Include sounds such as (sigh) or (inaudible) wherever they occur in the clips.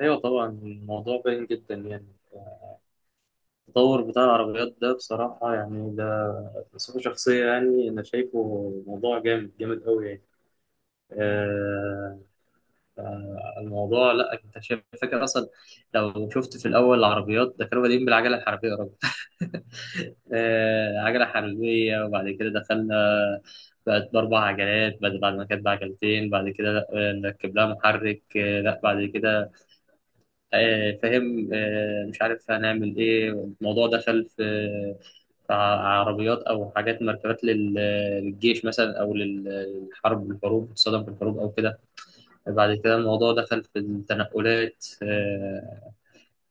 ايوه، طبعا الموضوع باين جدا يعني. التطور بتاع العربيات ده بصراحه يعني، ده بصفه شخصيه يعني، انا شايفه موضوع جامد جامد قوي يعني. آه الموضوع، لا انت شايف فاكر اصلا؟ لو شفت في الاول العربيات ده كانوا بادئين بالعجله الحربيه يا راجل. (laughs) عجله حربيه، وبعد كده دخلنا بقت باربع عجلات بعد ما كانت بعجلتين. بعد كده لا، نركب لها محرك. لا بعد كده فاهم. مش عارف هنعمل ايه. الموضوع دخل في في ع- عربيات او حاجات مركبات للجيش مثلا، او للحرب. الحروب تصطدم في الحروب او كده. بعد كده الموضوع دخل في التنقلات.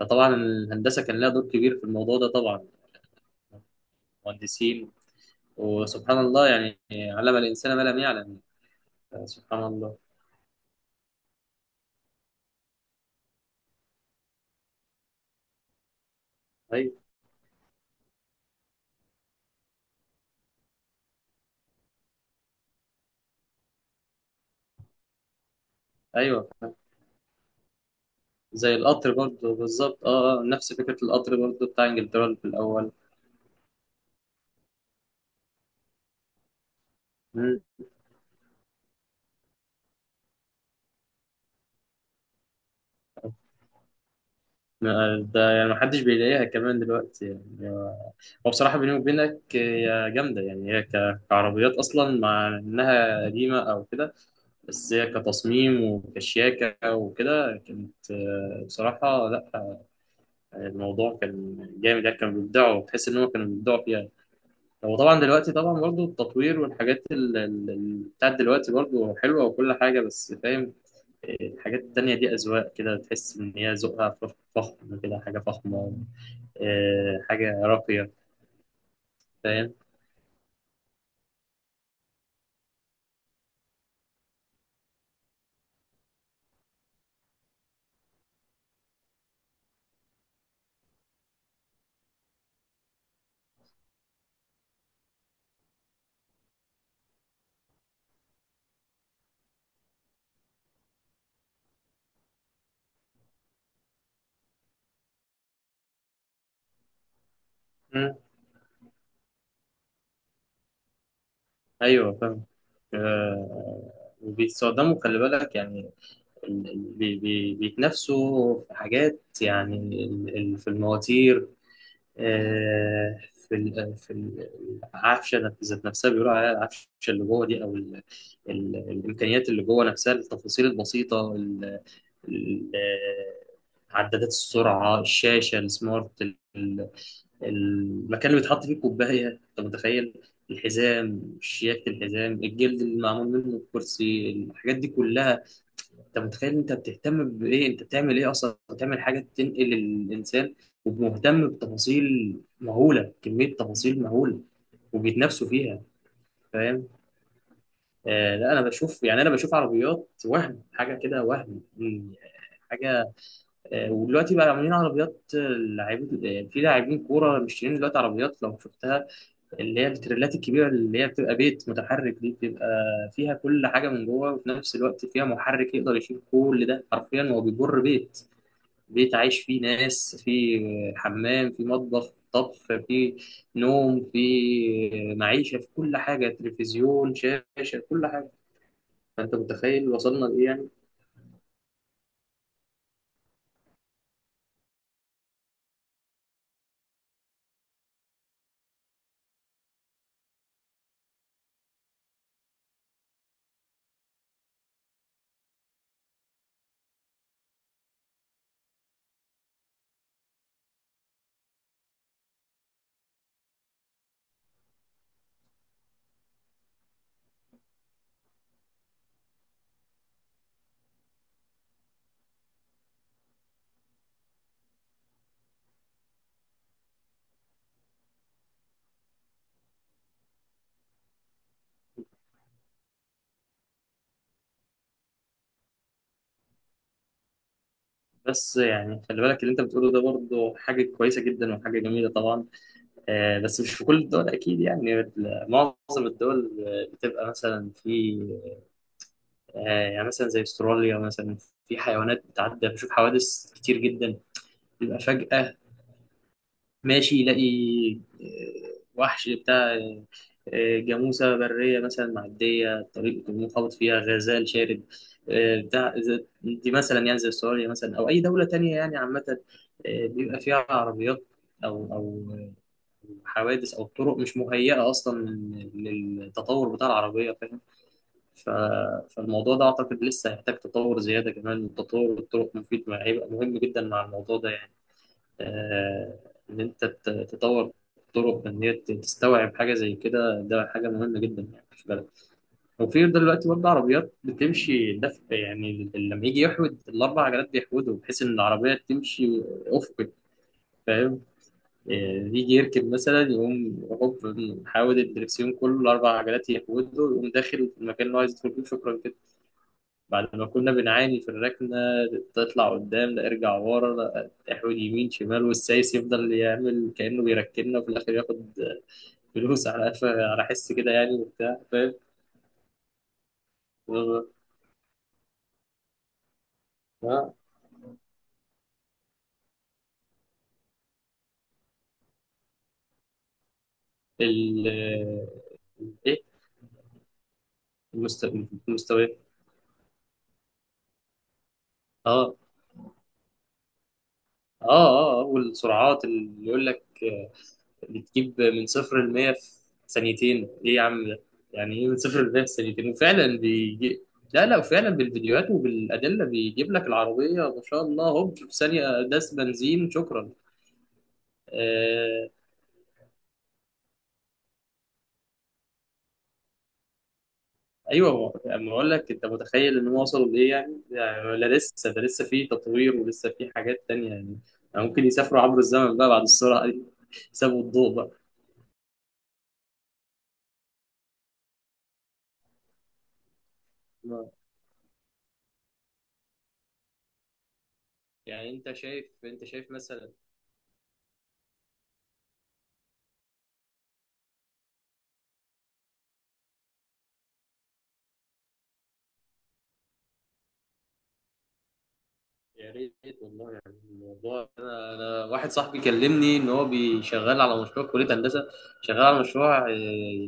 فطبعا الهندسه كان لها دور كبير في الموضوع ده طبعا، مهندسين. وسبحان الله، يعني علم الانسان ما لم يعلم. سبحان الله. ايوه. ايوه، زي القطر برضه بالظبط، اه، نفس فكره القطر برضه بتاع انجلترا في الاول. ده يعني محدش بيلاقيها كمان دلوقتي يعني. هو بصراحة بيني وبينك هي جامدة يعني، هي كعربيات أصلا مع إنها قديمة أو كده. بس هي كتصميم وكشياكة وكده كانت، بصراحة لأ. الموضوع كان جامد يعني، كانوا بيبدعوا، تحس إن هم كانوا بيبدعوا فيها. هو طبعا دلوقتي طبعا برضو التطوير والحاجات بتاعت دلوقتي برضو حلوة وكل حاجة. بس فاهم، الحاجات التانية دي أذواق كده، تحس إن هي ذوقها فخم كده، حاجة فخمة. حاجة راقية. فاهم. مم. أيوه فاهم. وبيتصدموا خلي بالك يعني. بيتنافسوا في حاجات يعني. في المواتير. آه، في ال- في ال- العفشه ذات نفسها، بيقولوا عليها العفشه اللي جوه دي، او ال الامكانيات اللي جوه نفسها، التفاصيل البسيطه، ال- عدادات السرعه، الشاشه السمارت، المكان اللي بيتحط فيه الكوبايه، انت متخيل؟ الحزام، شياكه الحزام، الجلد اللي معمول منه الكرسي، الحاجات دي كلها. انت متخيل؟ انت بتهتم بايه؟ انت بتعمل ايه اصلا؟ بتعمل حاجه تنقل الانسان ومهتم بتفاصيل مهوله، كميه تفاصيل مهوله، وبيتنافسوا فيها. فاهم. آه لا، انا بشوف يعني، انا بشوف عربيات وهم حاجه كده وهم حاجه. آه ودلوقتي بقى عاملين عربيات، لعيب. في لاعبين كوره، مش دلوقتي عربيات لو شفتها، اللي هي التريلات الكبيرة اللي هي بتبقى بيت متحرك. دي بتبقى فيها كل حاجة من جوه، وفي نفس الوقت فيها محرك يقدر يشيل كل ده. حرفيا هو بيجر بيت، بيت عايش فيه ناس، فيه حمام، فيه مطبخ، طبخ، فيه نوم، فيه معيشة، في كل حاجة، تلفزيون، شاشة، كل حاجة. فأنت متخيل وصلنا لإيه يعني. بس يعني خلي بالك، اللي أنت بتقوله ده برضه حاجة كويسة جدا وحاجة جميلة طبعا. بس مش في كل الدول أكيد يعني، معظم الدول بتبقى مثلا في آه، يعني مثلا زي أستراليا مثلا، في حيوانات بتعدي. بشوف حوادث كتير جدا، بيبقى فجأة ماشي يلاقي وحش بتاع، جاموسة برية مثلا معدية الطريق، يكون منخبط فيها غزال شارد. بتاع دي مثلا يعني، زي أستراليا مثلا أو أي دولة تانية يعني عامة، بيبقى فيها عربيات أو أو حوادث، او الطرق مش مهيئه اصلا للتطور بتاع العربيه. فاهم. ف... فالموضوع ده اعتقد لسه هيحتاج تطور زياده كمان، وتطور الطرق مفيد، هيبقى مهم جدا مع الموضوع ده يعني. آه... ان انت تطور الطرق، ان هي تستوعب حاجه زي كده، ده حاجه مهمه جدا يعني في البلد. وفي دلوقتي برضه عربيات بتمشي دفع، يعني لما يجي يحود الاربع عجلات بيحودوا، بحيث ان العربيه تمشي افقي. فاهم. آه، يجي يركب مثلا، يقوم هوب محاول الدركسيون كله الأربع عجلات يهوده، ويقوم داخل في المكان اللي هو عايز يدخل فيه. شكرا كده. بعد ما كنا بنعاني في الركنة، تطلع قدام لا، ارجع ورا لا، تحويل يمين شمال، والسايس يفضل يعمل كأنه بيركننا، وفي الآخر ياخد فلوس. (laughs) على على حس كده يعني وبتاع. فاهم. آه. ال ايه، المست- المستويات. اه، اه، اه، والسرعات اللي يقول لك بتجيب من 0 لمية في ثانيتين. ايه يا عم ده؟ يعني ايه من 0 لمية في ثانيتين؟ وفعلا بيجي. لا لا، وفعلا بالفيديوهات وبالأدلة بيجيب لك العربية ما شاء الله، هوب في ثانية داس بنزين شكرا. آه. ايوه، هو اما اقول لك، انت متخيل ان هو وصلوا لايه يعني؟ يعني لا، لسه ده لسه في تطوير ولسه في حاجات تانية يعني. يعني ممكن يسافروا عبر الزمن بقى بعد السرعة دي. (laughs) يسابوا الضوء بقى. يعني انت شايف، انت شايف مثلا، يا ريت والله يعني. الموضوع انا، انا واحد صاحبي كلمني ان هو بيشغال على مشروع في كليه هندسه، شغال على مشروع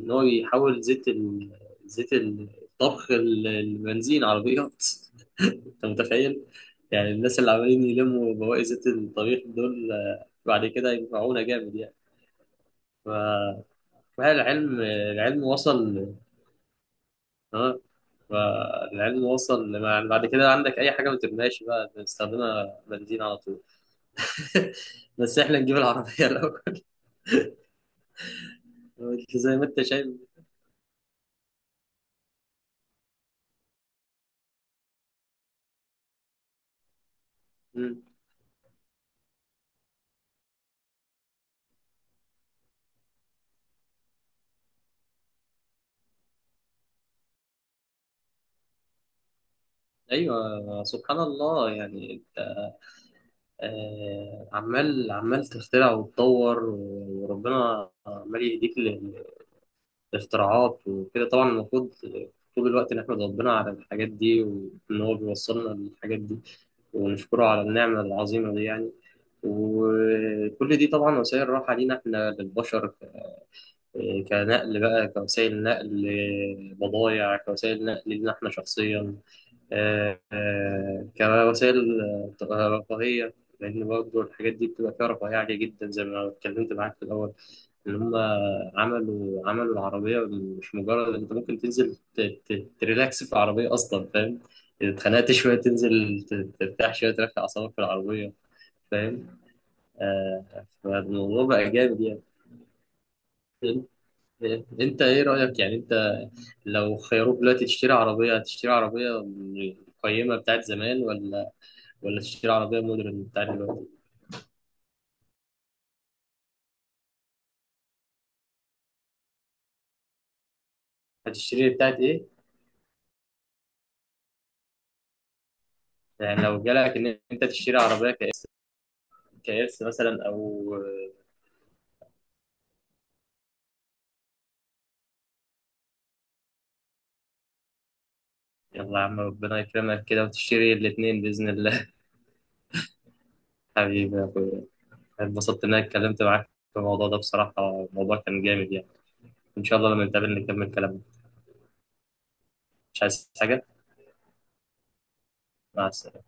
ان هو يحول زيت زيت الطبخ، البنزين عربيات. انت متخيل؟ يعني الناس اللي عمالين يلموا بواقي زيت الطبيخ دول بعد كده ينفعونا جامد يعني. ف... فالعلم العلم وصل. اه. فالعلم وصل يعني، بعد كده عندك اي حاجه ما ترميهاش، بقى بنستخدمها بنزين على طول. (laughs) بس احنا نجيب العربية الأول. (laughs) قلت زي ما انت شايف. مم. ايوه سبحان الله يعني، انت عمال عمال تخترع وتطور، وربنا عمال يهديك لاختراعات وكده. طبعا المفروض طول الوقت نحمد ربنا على الحاجات دي، وان هو بيوصلنا للحاجات دي ونشكره على النعمة العظيمة دي يعني. وكل دي طبعا وسائل راحة لينا احنا للبشر. إيه، كنقل بقى، كوسائل نقل، إيه، بضايع، كوسائل نقل لينا احنا شخصيا. كوسائل تبقى رفاهية، لأن برضه الحاجات دي بتبقى فيها رفاهية عالية جدا زي ما اتكلمت معاك في الأول. إن هم عملوا العربية، مش مجرد أنت ممكن تنزل تريلاكس في العربية أصلا. فاهم. إذا اتخنقت شوية، تنزل ترتاح شوية، تريح أعصابك في العربية. فاهم. فالموضوع بقى جامد يعني. أنت إيه رأيك يعني؟ أنت لو خيروك دلوقتي تشتري عربية، هتشتري عربية من القيمة بتاعت زمان، ولا، ولا تشتري عربية مودرن بتاعت دلوقتي؟ هتشتري بتاعت إيه؟ يعني لو جالك إن أنت تشتري عربية كإرث، كإرث مثلا أو... يلا يا عم ربنا يكرمك كده وتشتري الاتنين بإذن الله. (laughs) حبيبي يا أخويا، اتبسطت إن أنا اتكلمت معاك في الموضوع ده بصراحة. الموضوع كان جامد يعني. إن شاء الله لما نتقابل نكمل كلامنا. مش عايز حاجة. مع السلامة.